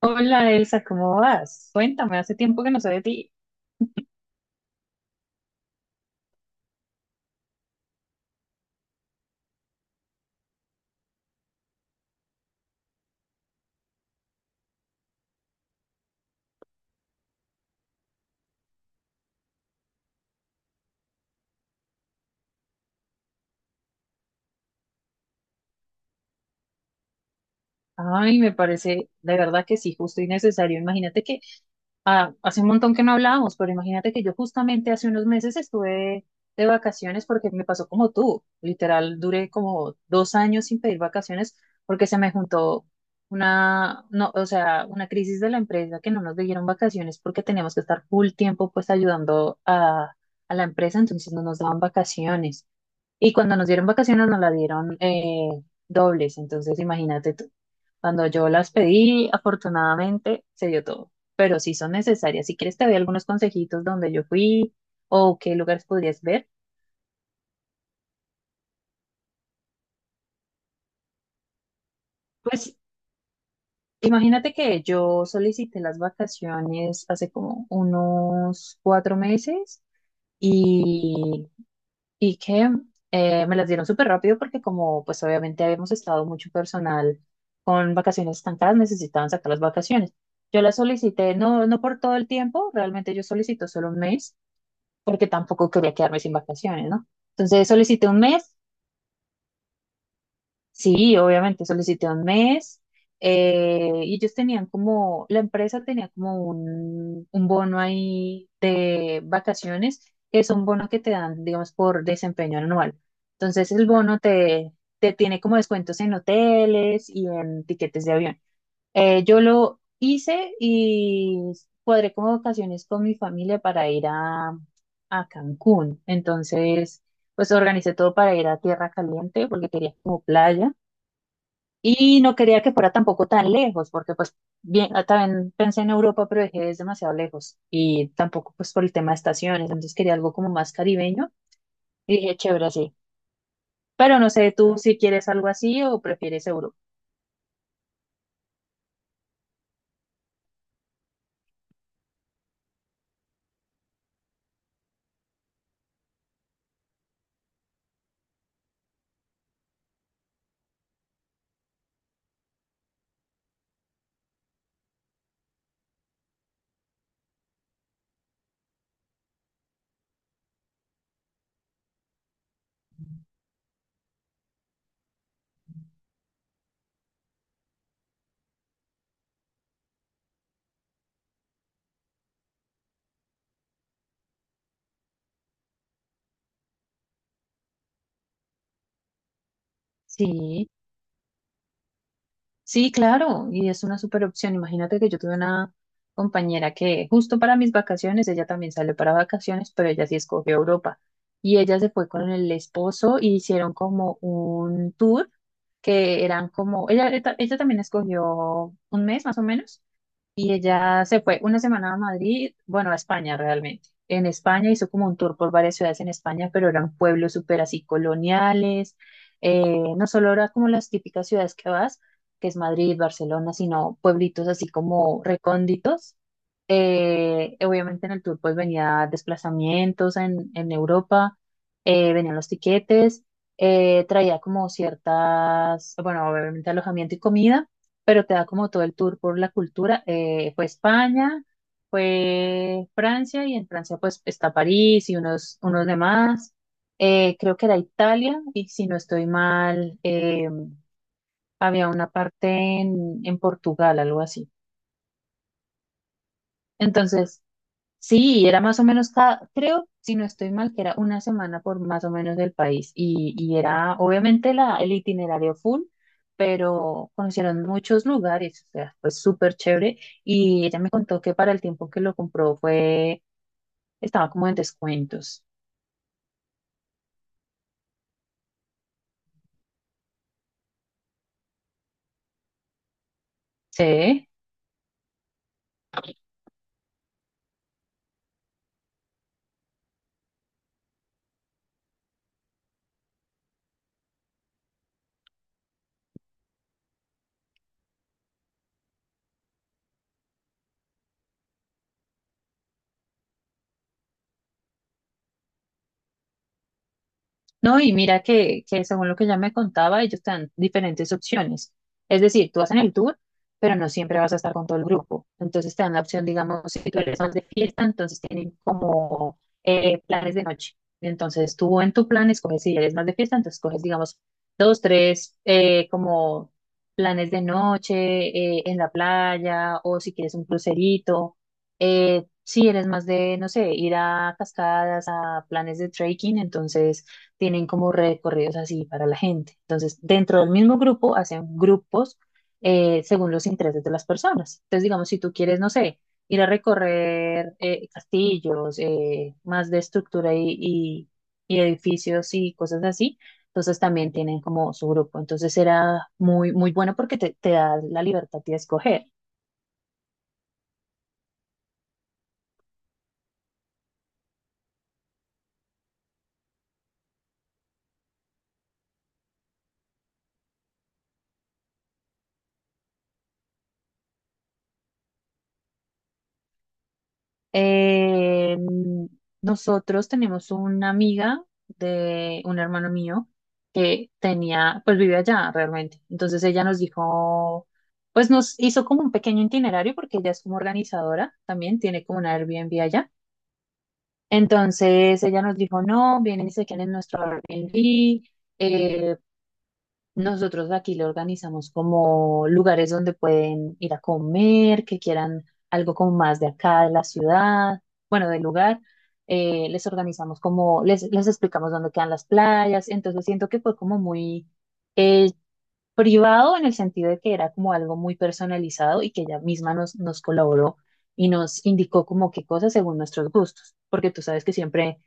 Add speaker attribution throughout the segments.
Speaker 1: Hola Elsa, ¿cómo vas? Cuéntame, hace tiempo que no sé de ti. Ay, me parece de verdad que sí, justo y necesario. Hace un montón que no hablábamos, pero imagínate que yo justamente hace unos meses estuve de vacaciones porque me pasó como tú. Literal, duré como dos años sin pedir vacaciones porque se me juntó una, no, o sea, una crisis de la empresa que no nos dieron vacaciones porque teníamos que estar full tiempo pues ayudando a la empresa, entonces no nos daban vacaciones. Y cuando nos dieron vacaciones nos la dieron dobles, entonces imagínate tú. Cuando yo las pedí, afortunadamente se dio todo, pero sí son necesarias. Si quieres te doy algunos consejitos donde yo fui o qué lugares podrías ver. Pues imagínate que yo solicité las vacaciones hace como unos cuatro meses y y que me las dieron súper rápido porque como pues obviamente habíamos estado mucho personal con vacaciones estancadas, necesitaban sacar las vacaciones. Yo las solicité, no, no por todo el tiempo, realmente yo solicito solo un mes porque tampoco quería quedarme sin vacaciones, ¿no? Entonces solicité un mes. Sí, obviamente, solicité un mes, y ellos tenían como, la empresa tenía como un bono ahí de vacaciones, que es un bono que te dan, digamos, por desempeño anual. Entonces el bono te, Te tiene como descuentos en hoteles y en tiquetes de avión. Yo lo hice y cuadré como vacaciones con mi familia para ir a Cancún. Entonces, pues organicé todo para ir a Tierra Caliente porque quería como playa. Y no quería que fuera tampoco tan lejos, porque pues bien, ah, también pensé en Europa, pero dije, es demasiado lejos. Y tampoco pues por el tema de estaciones, entonces quería algo como más caribeño. Y dije, chévere, sí. Pero no sé, tú si quieres algo así o prefieres Europa. Sí. Sí, claro, y es una super opción. Imagínate que yo tuve una compañera que justo para mis vacaciones, ella también salió para vacaciones, pero ella sí escogió Europa. Y ella se fue con el esposo y hicieron como un tour que eran como, ella también escogió un mes más o menos y ella se fue una semana a Madrid, bueno, a España realmente. En España hizo como un tour por varias ciudades en España, pero eran pueblos súper así coloniales. No solo era como las típicas ciudades que vas, que es Madrid, Barcelona, sino pueblitos así como recónditos. Obviamente en el tour pues venía desplazamientos en Europa, venían los tiquetes, traía como ciertas, bueno, obviamente alojamiento y comida pero te da como todo el tour por la cultura. Fue España, fue Francia y en Francia pues está París y unos, unos demás. Creo que era Italia y si no estoy mal, había una parte en Portugal, algo así. Entonces, sí, era más o menos cada, creo, si no estoy mal, que era una semana por más o menos del país. Y era obviamente el itinerario full, pero conocieron muchos lugares, o sea, fue súper chévere. Y ella me contó que para el tiempo que lo compró fue, estaba como en descuentos. Sí. No, y mira que según lo que ya me contaba, ellos te dan diferentes opciones. Es decir, tú vas en el tour, pero no siempre vas a estar con todo el grupo. Entonces te dan la opción, digamos, si tú eres más de fiesta, entonces tienen como planes de noche. Entonces tú en tu plan escoges, si eres más de fiesta, entonces coges, digamos, dos, tres, como planes de noche en la playa o si quieres un crucerito. Si eres más de, no sé, ir a cascadas, a planes de trekking, entonces tienen como recorridos así para la gente. Entonces, dentro del mismo grupo hacen grupos según los intereses de las personas. Entonces, digamos, si tú quieres, no sé, ir a recorrer castillos, más de estructura y edificios y cosas así, entonces también tienen como su grupo. Entonces, era muy, muy bueno porque te da la libertad de escoger. Eh, Nosotros tenemos una amiga de un hermano mío que tenía, pues vive allá realmente. Entonces ella nos dijo, pues nos hizo como un pequeño itinerario porque ella es como organizadora también, tiene como una Airbnb allá. Entonces ella nos dijo, no, vienen y se quedan en nuestro Airbnb, eh, nosotros aquí lo organizamos como lugares donde pueden ir a comer, que quieran algo como más de acá, de la ciudad, bueno, del lugar. Les les explicamos dónde quedan las playas. Entonces siento que fue como muy eh, privado en el sentido de que era como algo muy personalizado y que ella misma nos colaboró y nos indicó como qué cosas según nuestros gustos, porque tú sabes que siempre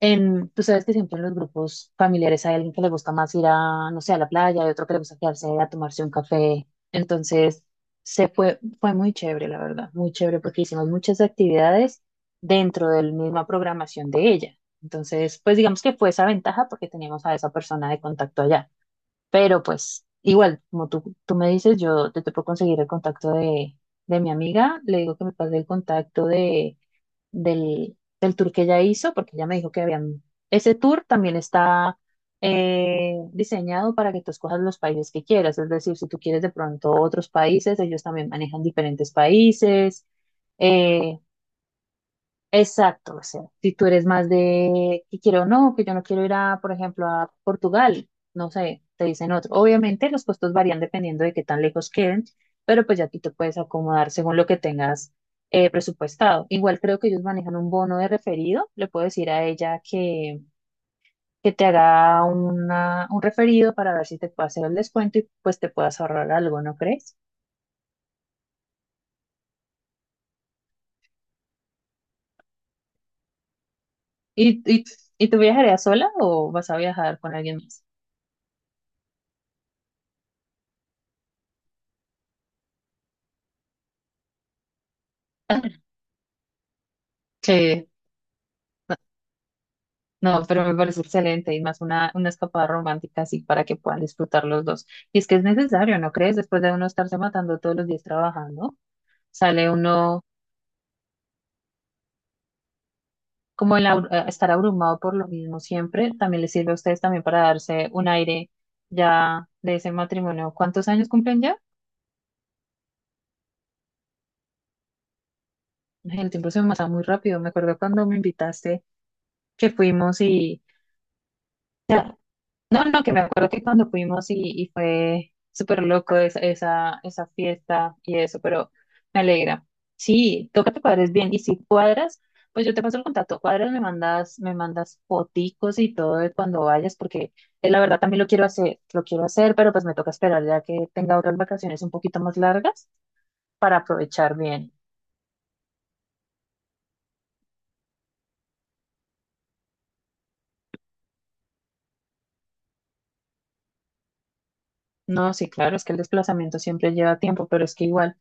Speaker 1: tú sabes que siempre en los grupos familiares hay alguien que le gusta más ir a, no sé, a la playa, y otro que le gusta quedarse a tomarse un café. Entonces, fue muy chévere, la verdad, muy chévere porque hicimos muchas actividades dentro de la misma programación de ella. Entonces, pues digamos que fue esa ventaja porque teníamos a esa persona de contacto allá. Pero pues, igual, como tú me dices, yo te puedo conseguir el contacto de mi amiga, le digo que me pase el contacto de del tour que ella hizo, porque ella me dijo que habían... Ese tour también está diseñado para que tú escojas los países que quieras, es decir, si tú quieres de pronto otros países, ellos también manejan diferentes países. eh, Exacto, o sea, si tú eres más de que quiero o no, que yo no quiero ir a, por ejemplo, a Portugal, no sé, te dicen otro. Obviamente los costos varían dependiendo de qué tan lejos queden, pero pues ya tú te puedes acomodar según lo que tengas presupuestado. Igual creo que ellos manejan un bono de referido, le puedo decir a ella que te haga una, un referido para ver si te puede hacer el descuento y pues te puedas ahorrar algo, ¿no crees? ¿Y y tú viajarías sola o vas a viajar con alguien más? No, pero me parece excelente y más una escapada romántica así para que puedan disfrutar los dos. Y es que es necesario, ¿no crees? Después de uno estarse matando todos los días trabajando, sale uno como estar abrumado por lo mismo siempre, también les sirve a ustedes también para darse un aire ya de ese matrimonio. ¿Cuántos años cumplen ya? El tiempo se me pasa muy rápido. Me acuerdo cuando me invitaste que fuimos y... No, no, que me acuerdo que cuando fuimos y fue súper loco esa fiesta y eso, pero me alegra. Sí, toca que cuadres bien. Y si cuadras, pues yo te paso el contacto. Cuadras, me mandas foticos y todo de cuando vayas, porque la verdad también lo quiero hacer, pero pues me toca esperar ya que tenga otras vacaciones un poquito más largas para aprovechar bien. No, sí, claro, es que el desplazamiento siempre lleva tiempo, pero es que igual.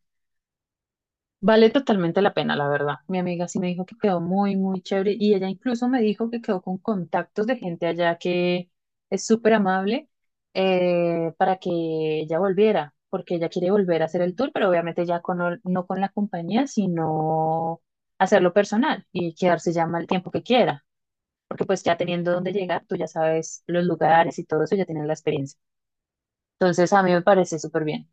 Speaker 1: Vale totalmente la pena, la verdad. Mi amiga sí me dijo que quedó muy, muy chévere y ella incluso me dijo que quedó con contactos de gente allá que es súper amable para que ella volviera, porque ella quiere volver a hacer el tour, pero obviamente ya no con la compañía, sino hacerlo personal y quedarse ya mal tiempo que quiera, porque pues ya teniendo dónde llegar, tú ya sabes los lugares y todo eso, ya tienes la experiencia. Entonces a mí me parece súper bien.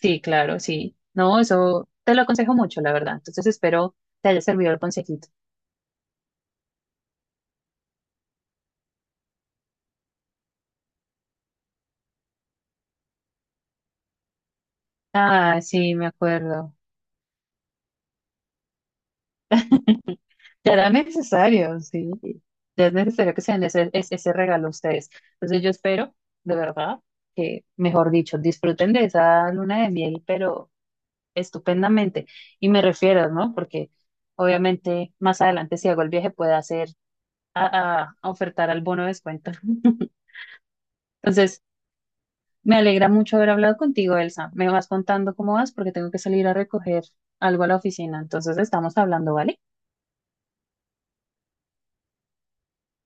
Speaker 1: Sí, claro, sí. No, eso te lo aconsejo mucho, la verdad. Entonces espero te haya servido el consejito. Ah, sí, me acuerdo. Ya era necesario, sí. Ya es necesario que se den ese regalo a ustedes. Entonces yo espero, de verdad, que, mejor dicho, disfruten de esa luna de miel, pero estupendamente. Y me refiero, ¿no? Porque obviamente más adelante, si hago el viaje, pueda hacer a ofertar al bono de descuento. Entonces... Me alegra mucho haber hablado contigo, Elsa. Me vas contando cómo vas porque tengo que salir a recoger algo a la oficina. Entonces estamos hablando, ¿vale?